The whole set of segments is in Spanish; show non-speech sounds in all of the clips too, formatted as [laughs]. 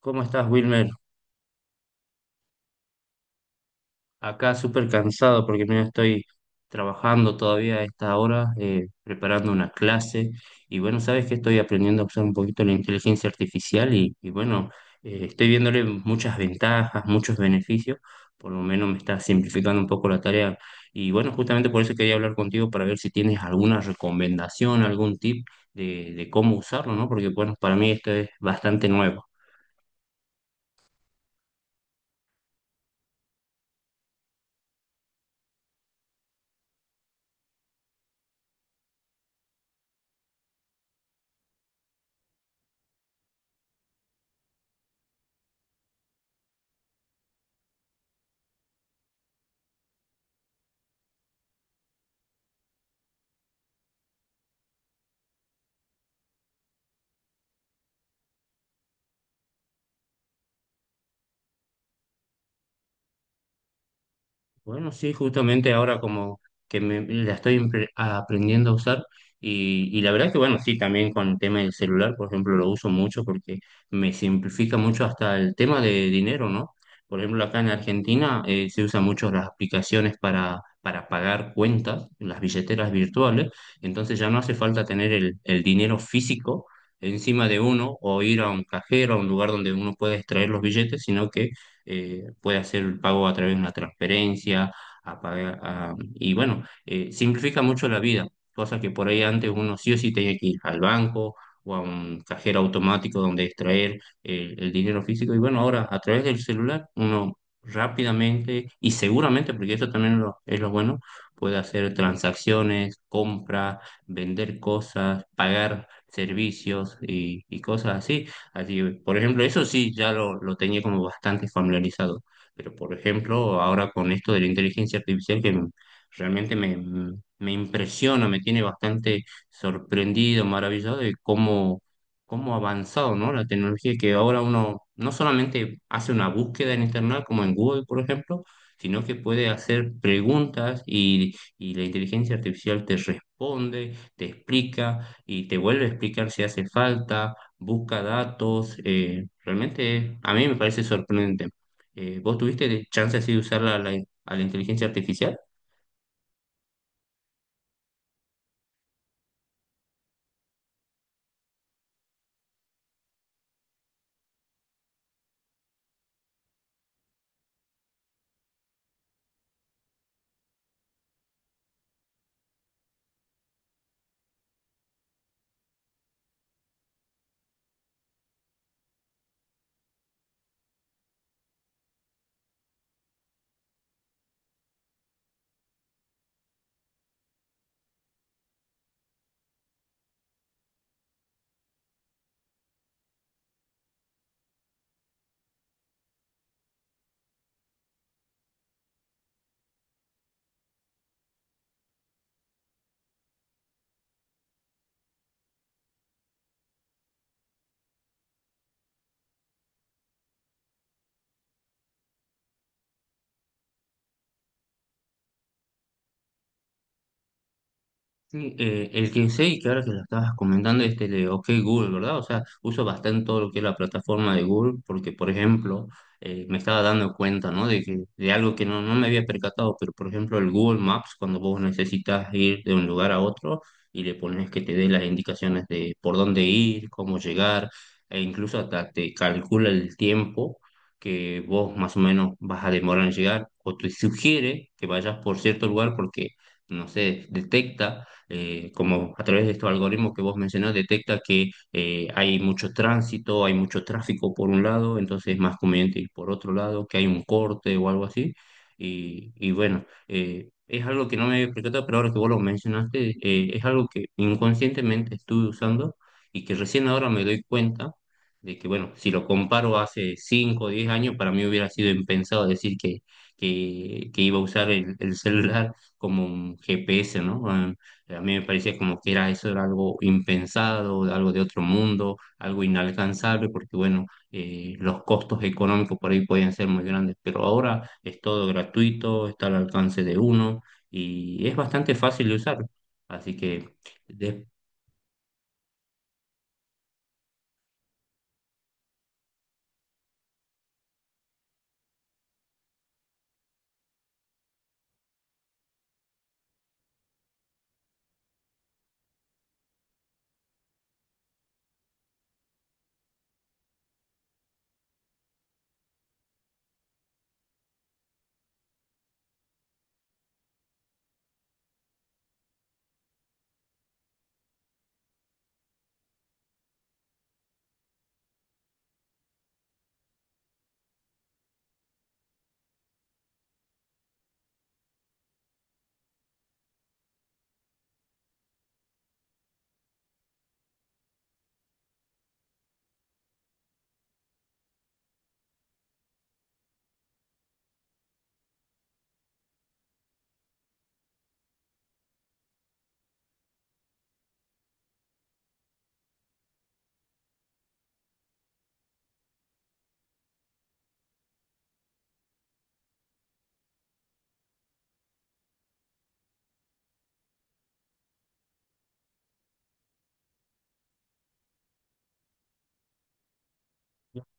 ¿Cómo estás, Wilmer? Acá súper cansado porque me estoy trabajando todavía a esta hora, preparando una clase. Y bueno, sabes que estoy aprendiendo a usar un poquito la inteligencia artificial y bueno, estoy viéndole muchas ventajas, muchos beneficios. Por lo menos me está simplificando un poco la tarea. Y bueno, justamente por eso quería hablar contigo para ver si tienes alguna recomendación, algún tip de cómo usarlo, ¿no? Porque bueno, para mí esto es bastante nuevo. Bueno, sí, justamente ahora como que me, la estoy aprendiendo a usar y la verdad que bueno, sí, también con el tema del celular, por ejemplo, lo uso mucho porque me simplifica mucho hasta el tema de dinero, ¿no? Por ejemplo, acá en Argentina se usan mucho las aplicaciones para pagar cuentas, las billeteras virtuales, entonces ya no hace falta tener el dinero físico encima de uno o ir a un cajero, a un lugar donde uno pueda extraer los billetes, sino que puede hacer el pago a través de una transferencia, a pagar, y bueno, simplifica mucho la vida, cosa que por ahí antes uno sí o sí tenía que ir al banco o a un cajero automático donde extraer el dinero físico, y bueno, ahora a través del celular uno rápidamente y seguramente, porque eso también es lo bueno, puede hacer transacciones, compras, vender cosas, pagar servicios y cosas así. Así, por ejemplo, eso sí ya lo tenía como bastante familiarizado, pero por ejemplo, ahora con esto de la inteligencia artificial realmente me impresiona, me tiene bastante sorprendido, maravillado de cómo ha avanzado, ¿no? La tecnología que ahora uno no solamente hace una búsqueda en internet como en Google, por ejemplo, sino que puede hacer preguntas y la inteligencia artificial te responde, te explica y te vuelve a explicar si hace falta busca datos. Realmente a mí me parece sorprendente. ¿Vos tuviste chance así de usar a la inteligencia artificial? Sí, el que sé que ahora que lo estabas comentando este de OK Google, ¿verdad? O sea, uso bastante todo lo que es la plataforma de Google porque, por ejemplo, me estaba dando cuenta, ¿no? De que, de algo que no, no me había percatado, pero, por ejemplo, el Google Maps, cuando vos necesitas ir de un lugar a otro y le pones que te dé las indicaciones de por dónde ir, cómo llegar, e incluso hasta te calcula el tiempo que vos más o menos vas a demorar en llegar o te sugiere que vayas por cierto lugar porque, no sé, detecta como a través de estos algoritmos que vos mencionás, detecta que hay mucho tránsito, hay mucho tráfico por un lado, entonces es más conveniente ir por otro lado, que hay un corte o algo así. Y bueno, es algo que no me había percatado, pero ahora que vos lo mencionaste, es algo que inconscientemente estuve usando y que recién ahora me doy cuenta de que, bueno, si lo comparo hace 5 o 10 años, para mí hubiera sido impensado decir que iba a usar el celular como un GPS, ¿no? Ah, a mí me parecía como que era eso, era algo impensado, algo de otro mundo, algo inalcanzable, porque bueno, los costos económicos por ahí podían ser muy grandes, pero ahora es todo gratuito, está al alcance de uno y es bastante fácil de usar. Así que, de-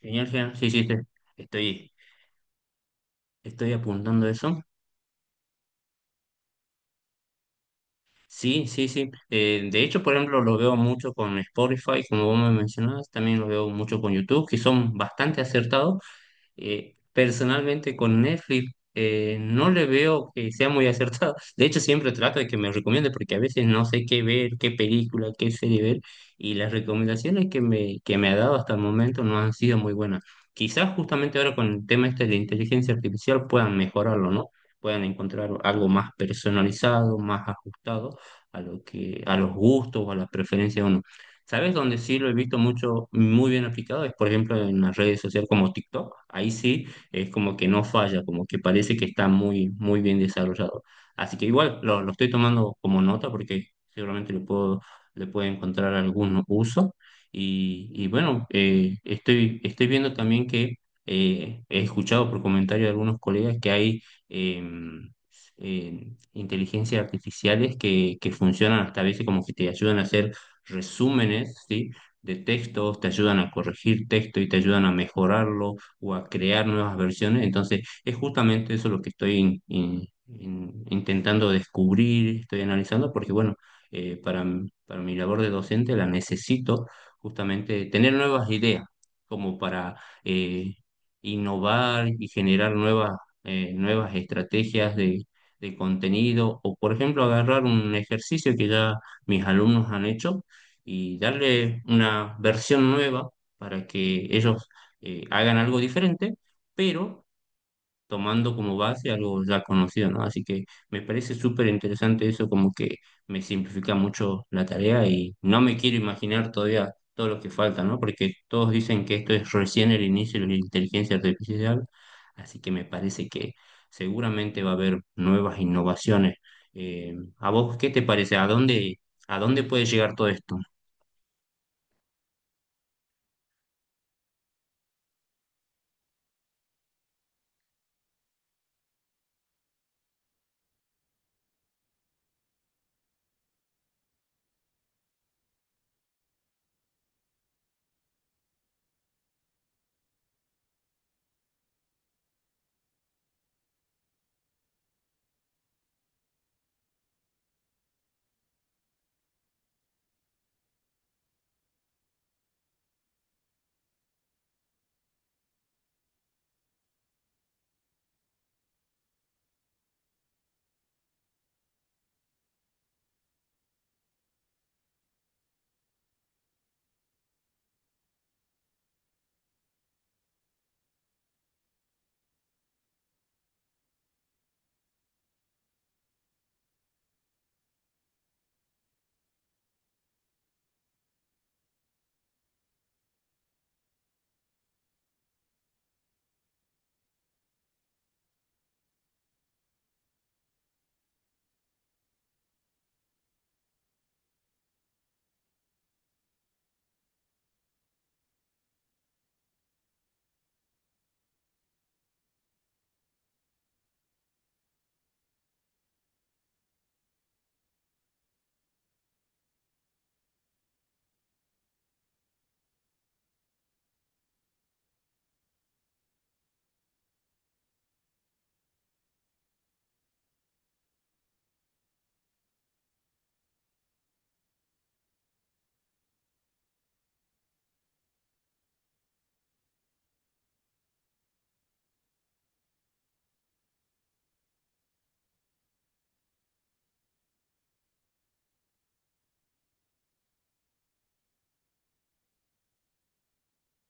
genial, genial. Sí, sí, sí, estoy, estoy apuntando eso. Sí, sí, sí. De hecho, por ejemplo, lo veo mucho con Spotify, como vos me mencionabas, también lo veo mucho con YouTube, que son bastante acertados. Personalmente con Netflix no le veo que sea muy acertado. [laughs] De hecho, siempre trato de que me recomiende porque a veces no sé qué ver, qué película, qué serie ver y las recomendaciones que me ha dado hasta el momento no han sido muy buenas. Quizás justamente ahora con el tema este de la inteligencia artificial puedan mejorarlo, ¿no? Puedan encontrar algo más personalizado, más ajustado a lo que, a los gustos o a las preferencias de uno. ¿Sabes dónde sí lo he visto mucho, muy bien aplicado? Es, por ejemplo, en las redes sociales como TikTok. Ahí sí es como que no falla, como que parece que está muy, muy bien desarrollado. Así que igual lo estoy tomando como nota porque seguramente le le puedo encontrar algún uso. Y bueno, estoy viendo también que he escuchado por comentarios de algunos colegas que hay... em, inteligencias artificiales que funcionan hasta a veces como que te ayudan a hacer resúmenes, ¿sí? De textos, te ayudan a corregir texto y te ayudan a mejorarlo o a crear nuevas versiones. Entonces, es justamente eso lo que estoy intentando descubrir, estoy analizando, porque bueno, para mi labor de docente la necesito justamente tener nuevas ideas, como para eh, innovar y generar nuevas estrategias de contenido, o por ejemplo, agarrar un ejercicio que ya mis alumnos han hecho y darle una versión nueva para que ellos hagan algo diferente, pero tomando como base algo ya conocido, ¿no? Así que me parece súper interesante eso, como que me simplifica mucho la tarea y no me quiero imaginar todavía todo lo que falta, ¿no? Porque todos dicen que esto es recién el inicio de la inteligencia artificial, así que me parece que seguramente va a haber nuevas innovaciones. ¿A vos qué te parece? ¿A dónde puede llegar todo esto?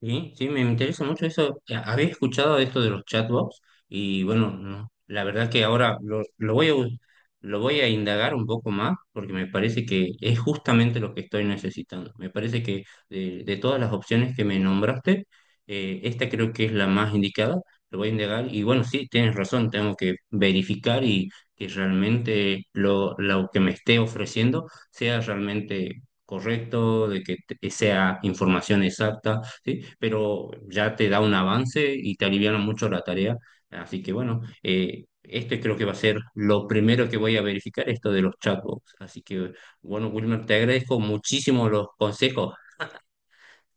Sí, sí, me interesa mucho eso. Ya, había escuchado de esto de los chatbots y bueno, no, la verdad que ahora lo voy a indagar un poco más porque me parece que es justamente lo que estoy necesitando. Me parece que de todas las opciones que me nombraste, esta creo que es la más indicada. Lo voy a indagar y bueno, sí, tienes razón, tengo que verificar y que realmente lo que me esté ofreciendo sea realmente correcto, de sea información exacta, ¿sí? Pero ya te da un avance y te aliviana mucho la tarea. Así que bueno, este creo que va a ser lo primero que voy a verificar, esto de los chatbots. Así que bueno, Wilmer, te agradezco muchísimo los consejos.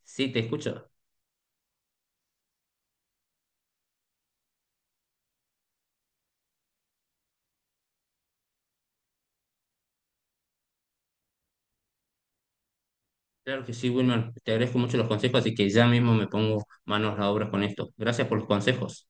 Sí, te escucho. Claro que sí, Wilmer, te agradezco mucho los consejos, así que ya mismo me pongo manos a la obra con esto. Gracias por los consejos.